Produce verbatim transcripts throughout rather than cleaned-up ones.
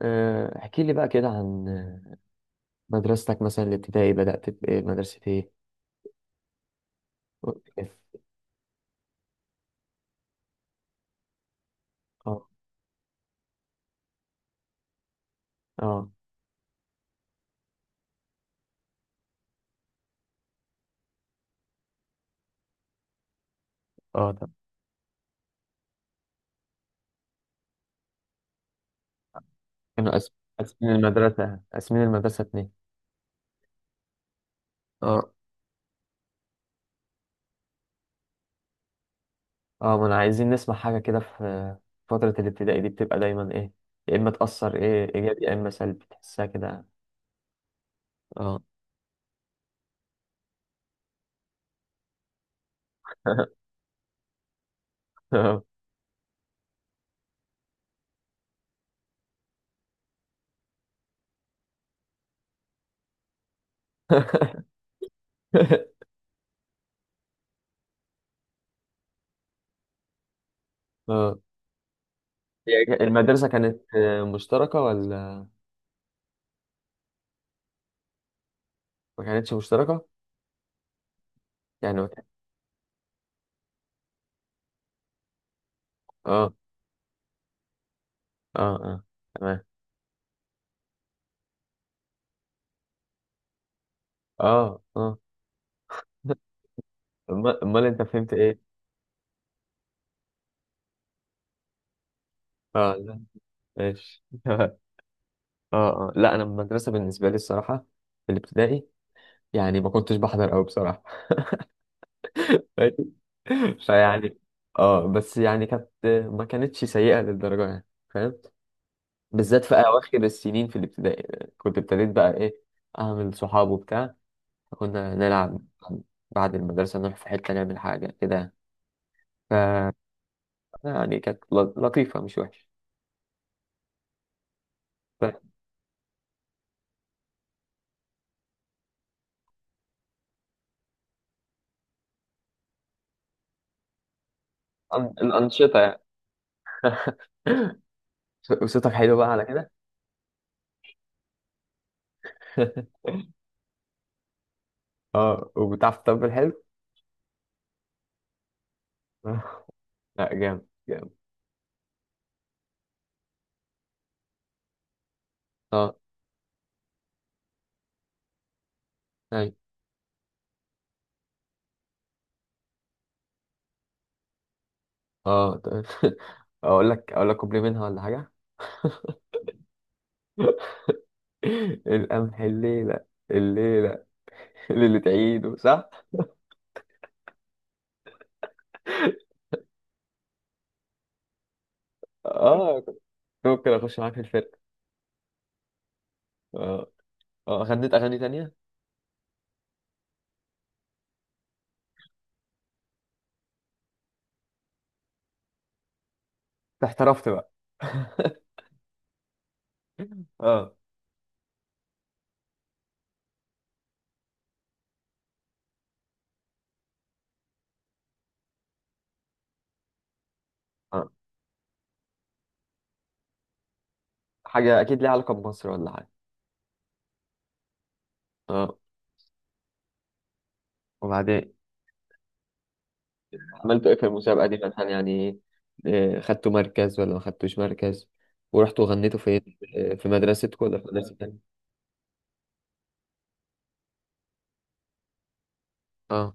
آه، احكي لي بقى كده عن آه، مدرستك مثلا الابتدائي بدأت بإيه مدرسة إيه؟ وقت كده. اه، اه، اه، طب، كانوا قاسم- قاسمين المدرسة قاسمين المدرسة اتنين. اه، اه، ما أنا عايزين نسمع حاجة كده. في فترة الابتدائي دي بتبقى دايما إيه؟ يا إما تأثر إيه إيجابي يا إما سلبي تحسها كده. اه. اه. اه. هي المدرسة كانت آه، مشتركة ولا ما كانتش مشتركة؟ يعني اه، اه، اه، تمام، اه، اه. أما- امال انت فهمت ايه؟ اه، لا، ماشي. اه، اه، لا انا المدرسه بالنسبه لي الصراحه في الابتدائي يعني ما كنتش بحضر قوي بصراحه. ماشي. فيعني اه بس يعني كانت ما كانتش سيئه للدرجه يعني، فاهم. بالذات في اواخر السنين في الابتدائي كنت ابتديت بقى ايه، اعمل صحاب وبتاع، فكنا نلعب بعد المدرسه نروح في حته نعمل حاجه كده يعني. ف يعني كانت ل- لطيفه، مش وحشه. ف- الأن- الانشطه يعني. صوتك حلو بقى على كده. اه، وبتعرف تطبل حلو. آه، لا، جامد جامد. اه، اي، اه، طيب. اقول لك اقول لك كوبلي منها ولا حاجه؟ القمح الليله، الليله، اللي تعيده صح. اه، كنت ممكن اخش معاك في الفرقه. اه، اه، غنيت اغاني تانية. احترفت بقى. اه، اه، حاجه اكيد ليها علاقه بمصر ولا حاجه. اه، وبعدين عملتوا ايه في المسابقة دي مثلا يعني؟ آه، خدتوا مركز ولا ما خدتوش مركز؟ ورحتوا غنيتوا فين؟ آه، في مدرستكم ولا في مدرسة تانية؟ اه،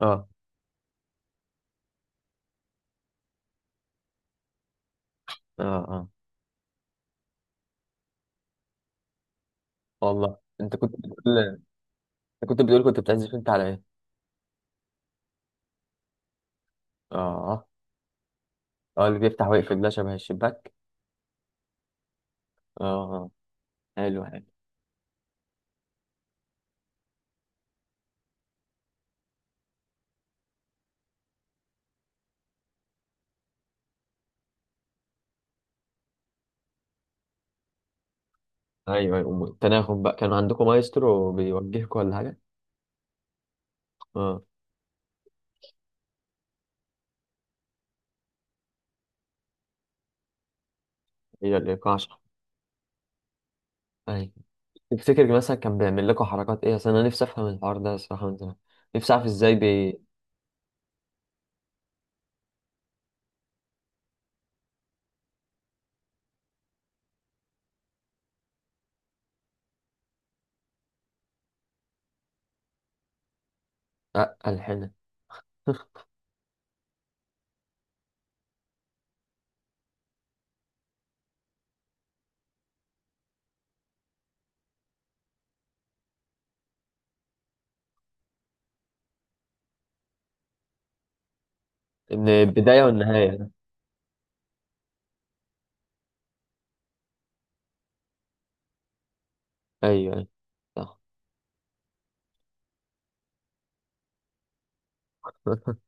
اه، اه، اه، والله. انت كنت بتقول انت كنت بتقول كنت بتعزف انت على ايه؟ اه، اه، اللي بيفتح ويقفل ده شبه الشباك. اه، آه، حلو حلو. ايوه، ايوه، أم- التناغم بقى، كان عندكم مايسترو بيوجهكم ولا حاجة؟ اه، هي الايقاع شرح. ايوه. تفتكر مثلا كان بيعمل لكم حركات ايه؟ اصل انا نفسي افهم الحوار ده الصراحة من زمان، نفسي اعرف ازاي بي أ- ألحنها. ان البدايه والنهايه. ايوه، ايوه، صح.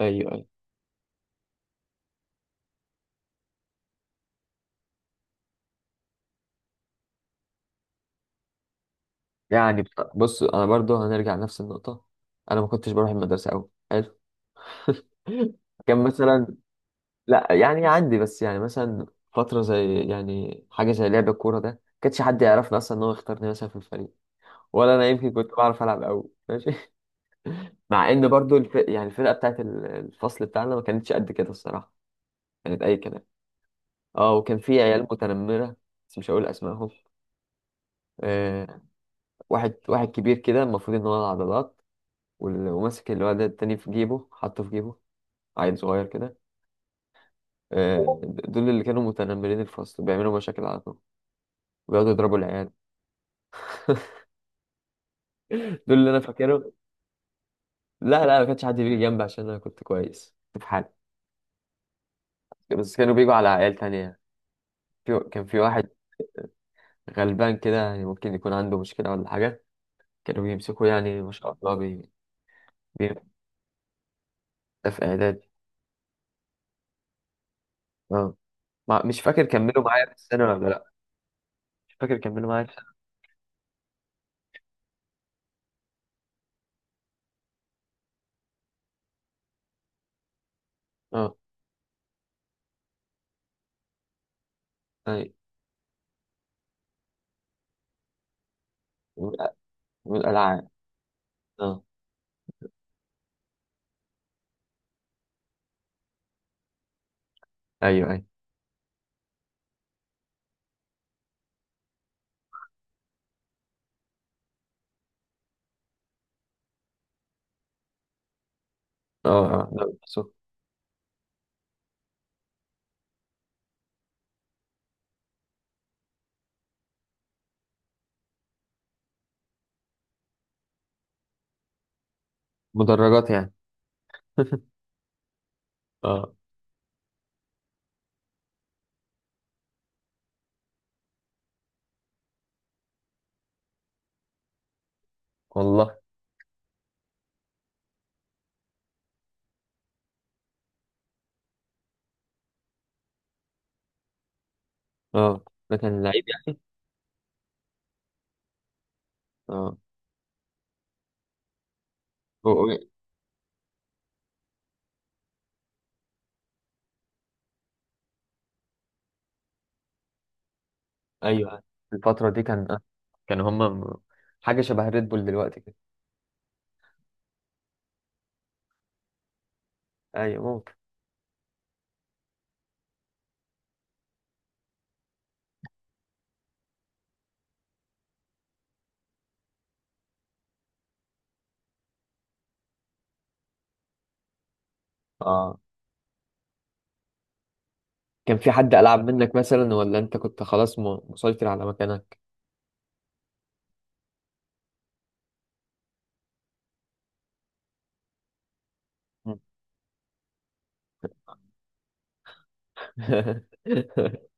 ايوه، ايوه، يعني بص بص، انا برضو هنرجع لنفس النقطه. انا ما كنتش بروح المدرسه قوي، حلو. كان مثلا، لا يعني عندي، بس يعني مثلا فتره زي يعني حاجه زي لعب الكوره ده، كانش حد يعرفني اصلا ان هو يختارني مثلا في الفريق، ولا انا يمكن كنت بعرف العب قوي، ماشي. مع ان برضو الف... يعني الفرقه بتاعت ال- الفصل بتاعنا ما كانتش قد كده الصراحه، كانت اي كلام. اه، وكان في عيال متنمره، بس مش هقول اسمائهم. آه، واحد واحد كبير كده، المفروض ان هو العضلات، وال- وماسك اللي هو ده التاني في جيبه، حاطه في جيبه، عيل صغير كده. آه، دول اللي كانوا متنمرين الفصل، بيعملوا مشاكل على طول، بيقعدوا يضربوا العيال. دول اللي انا فاكره. لا، لا، ما كانش حد بيجي جنبي عشان انا كنت كويس، كنت في حالي. بس كانوا بيجوا على عيال تانية. في كان في واحد غلبان كده، يعني ممكن يكون عنده مشكلة ولا حاجة، كانوا بيمسكوه يعني ما شاء الله بي... بي... ده في إعدادي. اه، ما... مش فاكر كملوا معايا في السنة ولا لا. مش فاكر كملوا معايا في السنة. اه، أي. والألعاب. اه، ايوه، ايوه، اه، اه، لا، بس هو مدرجات يعني. اه، والله. اه، ده كان لعيب يعني. اه، هو- هو- ايوه. الفترة دي كان آه. كانوا هما م- حاجة شبه ريد بول دلوقتي كده. ايوه، ممكن. اه، كان في حد ألعب منك مثلا، ولا انت كنت خلاص م- مسيطر على مكانك؟ مم.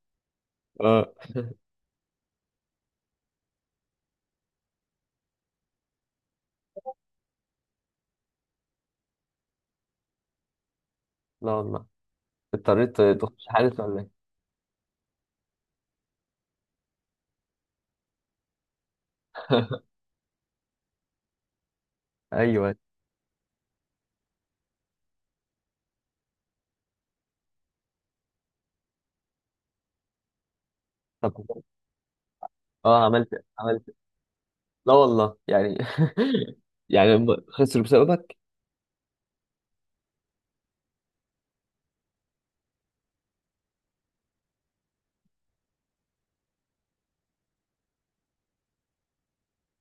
اه، لا والله، اضطريت تخش حارس ولا ايه؟ ايوه، طب. اه، عملت عملت؟ لا والله يعني. يعني هم خسروا بسببك؟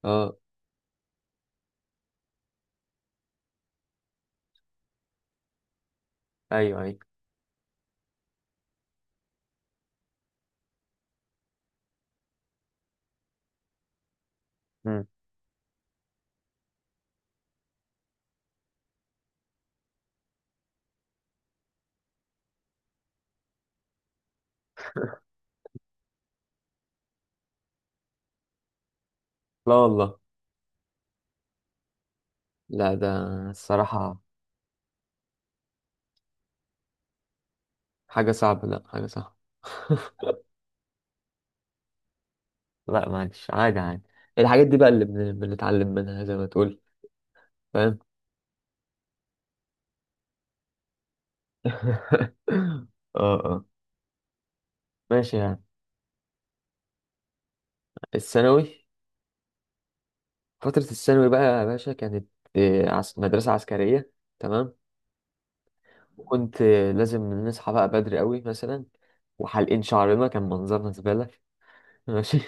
اه، ايوه، ايوه. مم. لا والله. لا، ده الصراحة حاجة صعبة، لا، حاجة صعبة. لا معلش، عادي عادي. الحاجات دي بقى اللي بن- بنتعلم منها زي ما تقول، فاهم. اه، اه، ماشي يعني. الثانوي. فترة الثانوي بقى يا باشا كانت آه، عس- مدرسة عسكرية. تمام. وكنت آه، لازم نصحى بقى بدري قوي مثلا، وحالقين شعرنا، كان منظرنا زبالة. ماشي.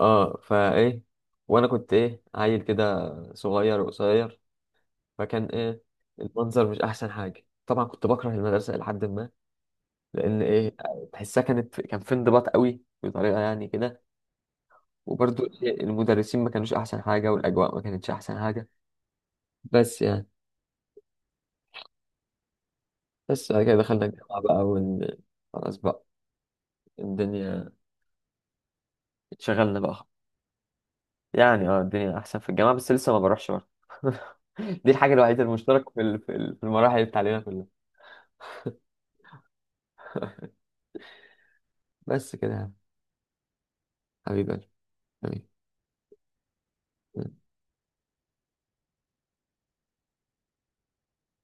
اه، فايه، وانا كنت ايه، عيل كده صغير وقصير، فكان ايه، المنظر مش احسن حاجه طبعا، كنت بكره المدرسه الى حد ما، لان ايه، تحسها كانت كان في انضباط قوي بطريقه يعني كده. وبرضو إيه، المدرسين ما كانوش احسن حاجه، والاجواء ما كانتش احسن حاجه. بس يعني، بس بعد كده دخلنا الجامعه بقى ون خلاص بقى، الدنيا، اتشغلنا بقى. يعني اه، الدنيا احسن في الجامعه، بس لسه ما بروحش برضه. دي الحاجه الوحيده المشتركه في ال- في ال- في المراحل التعليميه كلها. بس كده يا حبيبي، حبيبي.